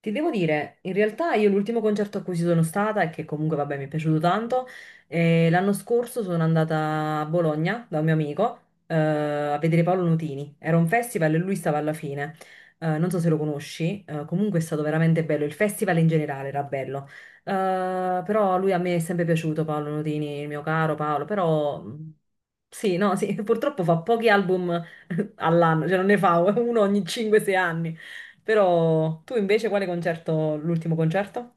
Ti devo dire, in realtà io l'ultimo concerto a cui ci sono stata, e che comunque vabbè mi è piaciuto tanto, l'anno scorso sono andata a Bologna da un mio amico a vedere Paolo Nutini. Era un festival e lui stava alla fine. Non so se lo conosci, comunque è stato veramente bello. Il festival in generale era bello. Eh, Però lui a me è sempre piaciuto, Paolo Nutini, il mio caro Paolo. Sì, no, sì, purtroppo fa pochi album all'anno, cioè non ne fa uno ogni 5-6 anni. Però tu invece quale concerto, l'ultimo concerto?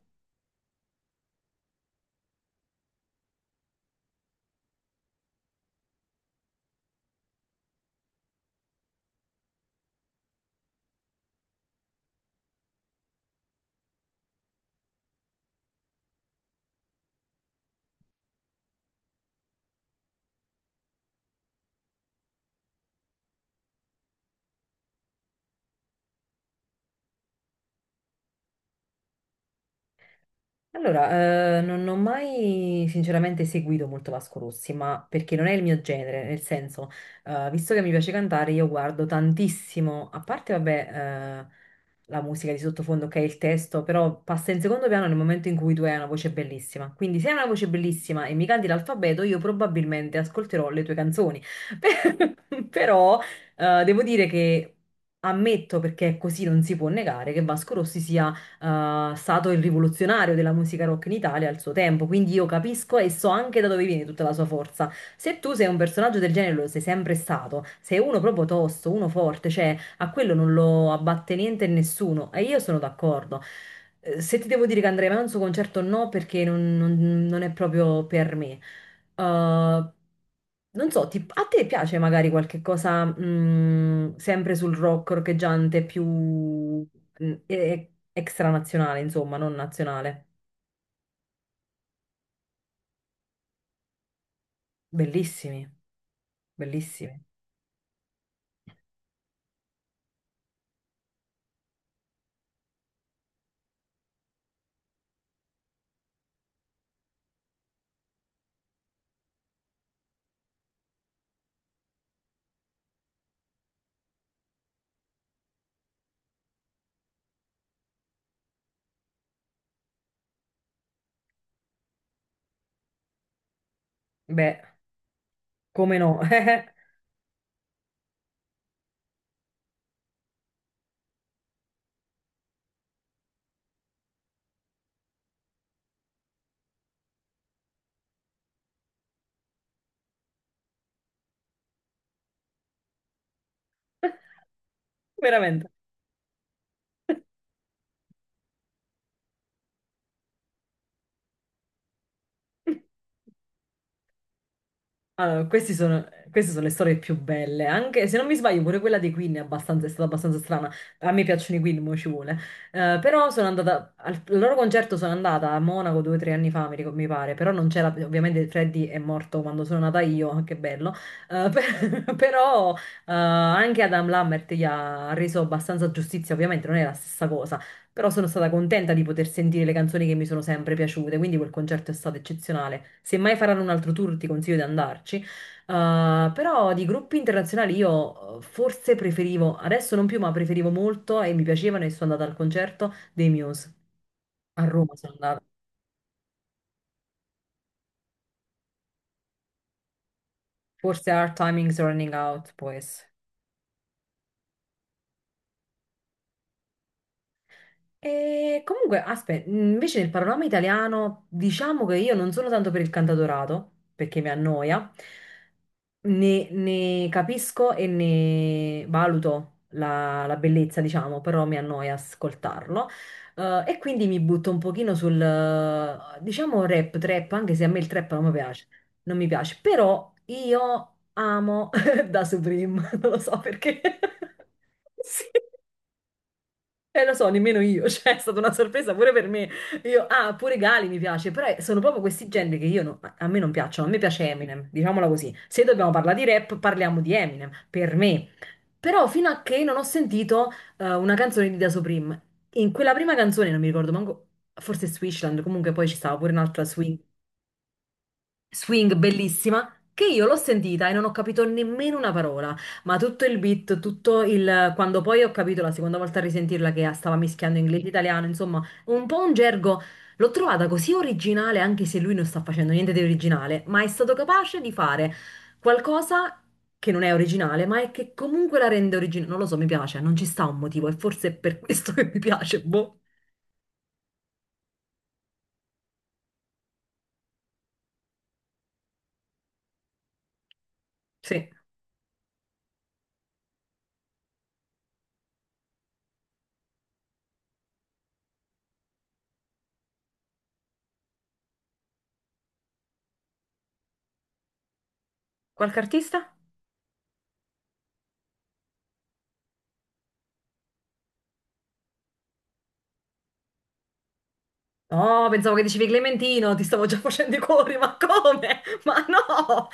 Allora, non ho mai sinceramente seguito molto Vasco Rossi, ma perché non è il mio genere, nel senso, visto che mi piace cantare, io guardo tantissimo, a parte, vabbè, la musica di sottofondo, ok, il testo, però passa in secondo piano nel momento in cui tu hai una voce bellissima. Quindi se hai una voce bellissima e mi canti l'alfabeto, io probabilmente ascolterò le tue canzoni. Però, devo dire che ammetto, perché così non si può negare, che Vasco Rossi sia stato il rivoluzionario della musica rock in Italia al suo tempo, quindi io capisco e so anche da dove viene tutta la sua forza. Se tu sei un personaggio del genere, lo sei sempre stato, sei uno proprio tosto, uno forte, cioè a quello non lo abbatte niente e nessuno, e io sono d'accordo. Se ti devo dire che andrei mai a un suo concerto, no, perché non è proprio per me. Uh, Non so, a te piace magari qualche cosa sempre sul rock roccheggiante più extranazionale, insomma, non nazionale? Bellissimi, bellissimi. Beh, come no, veramente. Allora, queste sono le storie più belle, anche se non mi sbaglio pure quella dei Queen è stata abbastanza strana, a me piacciono i Queen, mo ci vuole, Però al loro concerto sono andata a Monaco due o tre anni fa, mi pare, però non c'era, ovviamente Freddy è morto quando sono nata io, che bello, però anche Adam Lambert gli ha reso abbastanza giustizia, ovviamente non è la stessa cosa, però sono stata contenta di poter sentire le canzoni che mi sono sempre piaciute, quindi quel concerto è stato eccezionale. Se mai faranno un altro tour, ti consiglio di andarci. Però di gruppi internazionali io forse preferivo, adesso non più, ma preferivo molto e mi piacevano e sono andata al concerto dei Muse. A Roma sono andata. Forse Our Timing's Running Out, può essere. E comunque, aspetta, invece nel panorama italiano diciamo che io non sono tanto per il cantautorato, perché mi annoia, ne capisco e ne valuto la bellezza, diciamo, però mi annoia ascoltarlo. E quindi mi butto un pochino sul, diciamo, rap, trap, anche se a me il trap non mi piace, non mi piace, però io amo Da Supreme, non lo so perché. Sì. Lo so, nemmeno io, cioè è stata una sorpresa pure per me. Io, ah, pure Gali mi piace, però sono proprio questi generi che io no- a me non piacciono, a me piace Eminem, diciamola così. Se dobbiamo parlare di rap, parliamo di Eminem, per me. Però fino a che non ho sentito una canzone di Da Supreme, in quella prima canzone, non mi ricordo manco, forse Switchland, comunque poi ci stava pure un'altra swing bellissima che io l'ho sentita e non ho capito nemmeno una parola, ma tutto il beat, tutto il. Quando poi ho capito la seconda volta a risentirla che stava mischiando inglese e italiano, insomma, un po' un gergo, l'ho trovata così originale anche se lui non sta facendo niente di originale, ma è stato capace di fare qualcosa che non è originale, ma è che comunque la rende originale, non lo so, mi piace, non ci sta un motivo e forse è per questo che mi piace, boh. Sì, qualche artista? Oh, pensavo che dicevi Clementino, ti stavo già facendo i cuori, ma come? Ma no!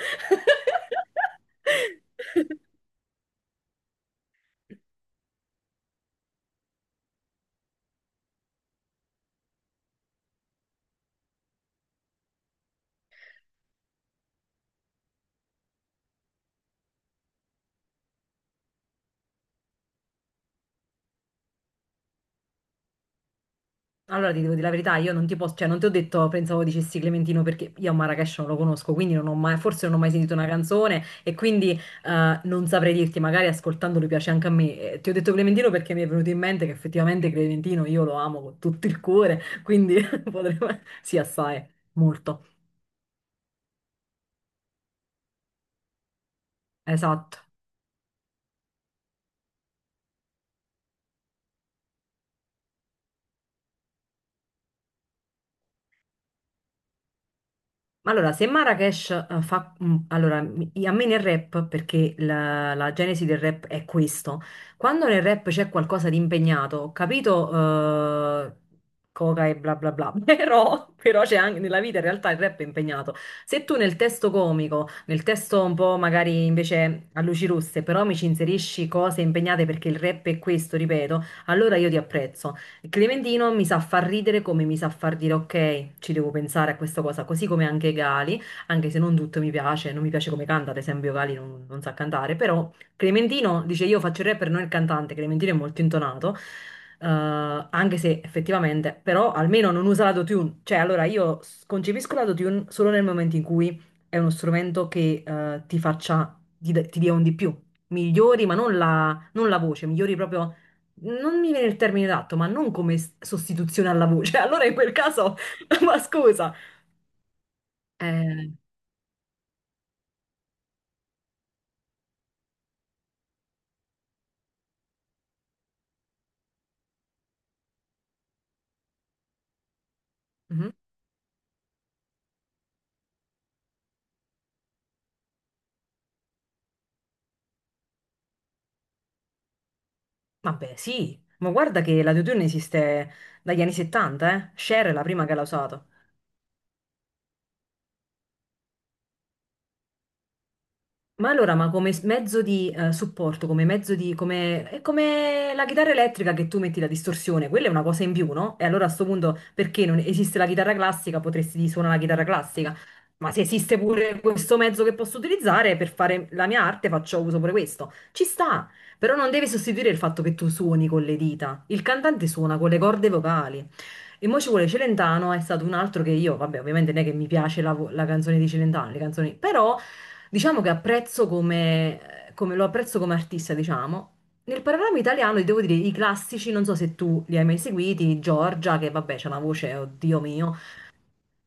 Allora ti devo dire la verità, io non ti posso, cioè non ti ho detto, pensavo dicessi Clementino perché io a Marrakesh non lo conosco, quindi non ho mai, forse non ho mai sentito una canzone e quindi non saprei dirti, magari ascoltandolo piace anche a me. Ti ho detto Clementino perché mi è venuto in mente che effettivamente Clementino io lo amo con tutto il cuore, quindi potremmo... Sì, assai, molto. Esatto. Ma allora, se Marrakesh fa... allora, a me nel rap, perché la genesi del rap è questo, quando nel rap c'è qualcosa di impegnato, ho capito eh, coca e bla bla bla, però, però c'è anche nella vita in realtà il rap è impegnato. Se tu nel testo comico, nel testo un po' magari invece a luci rosse, però mi ci inserisci cose impegnate perché il rap è questo, ripeto, allora io ti apprezzo. Clementino mi sa far ridere come mi sa far dire ok, ci devo pensare a questa cosa, così come anche Gali, anche se non tutto mi piace, non mi piace come canta, ad esempio Gali non sa cantare, però Clementino dice io faccio il rapper, non il cantante, Clementino è molto intonato, eh, anche se effettivamente, però almeno non usa l'autotune, cioè allora io concepisco l'autotune solo nel momento in cui è uno strumento che ti faccia, ti, d- ti dia un di più, migliori, ma non la voce, migliori proprio non mi viene il termine adatto, ma non come sostituzione alla voce. Allora in quel caso, ma scusa. Eh, mhm. Vabbè, sì, ma guarda che l'autotune esiste dagli anni 70, eh. Cher è la prima che l'ha usato. Ma allora, ma come mezzo di supporto, come mezzo di... come... è come la chitarra elettrica che tu metti la distorsione, quella è una cosa in più, no? E allora a sto punto, perché non esiste la chitarra classica, potresti suonare la chitarra classica, ma se esiste pure questo mezzo che posso utilizzare per fare la mia arte, faccio uso pure questo. Ci sta, però non deve sostituire il fatto che tu suoni con le dita. Il cantante suona con le corde vocali. E mo ci vuole Celentano, è stato un altro che io, vabbè, ovviamente non è che mi piace la, la canzone di Celentano, le canzoni, però diciamo che apprezzo come, lo apprezzo come artista, diciamo. Nel panorama italiano, ti devo dire, i classici, non so se tu li hai mai seguiti, Giorgia, che vabbè, c'ha una voce, oddio mio,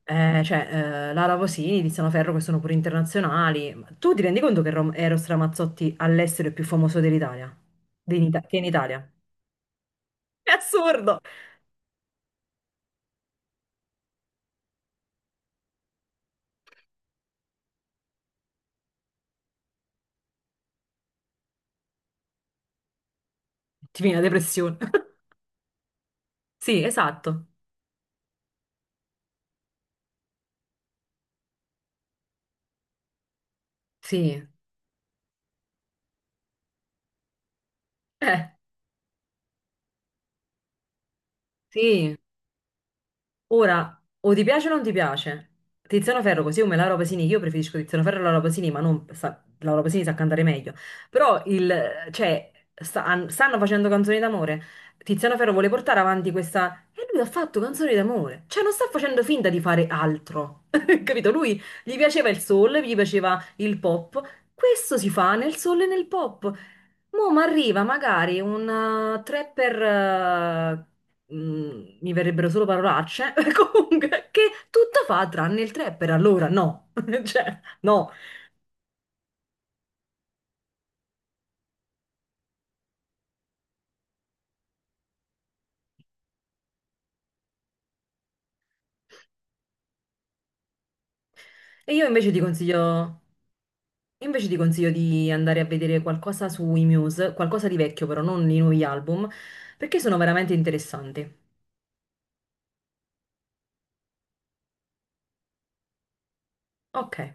cioè Lara Vosini, Tiziano Ferro, che sono pure internazionali. Ma tu ti rendi conto che Eros Ramazzotti all'estero è più famoso dell'Italia? Che in Italia? È assurdo! Ti viene la depressione. Sì, esatto. Sì, Eh, sì. Ora, o ti piace o non ti piace. Tiziano Ferro, così come Laura Pasini, io preferisco Tiziano Ferro e Laura Pasini, ma non sa, Laura Pasini sa cantare meglio. Però cioè, stanno facendo canzoni d'amore. Tiziano Ferro vuole portare avanti questa... E lui ha fatto canzoni d'amore. Cioè, non sta facendo finta di fare altro. Capito? Lui gli piaceva il soul, gli piaceva il pop. Questo si fa nel soul e nel pop. Mo' mi arriva magari un tre per, mi verrebbero solo parolacce, comunque, che tutto fa tranne il tre per allora, no. Cioè, no. E io invece ti consiglio... io invece ti consiglio di andare a vedere qualcosa sui Muse, qualcosa di vecchio però, non i nuovi album, perché sono veramente interessanti. Ok.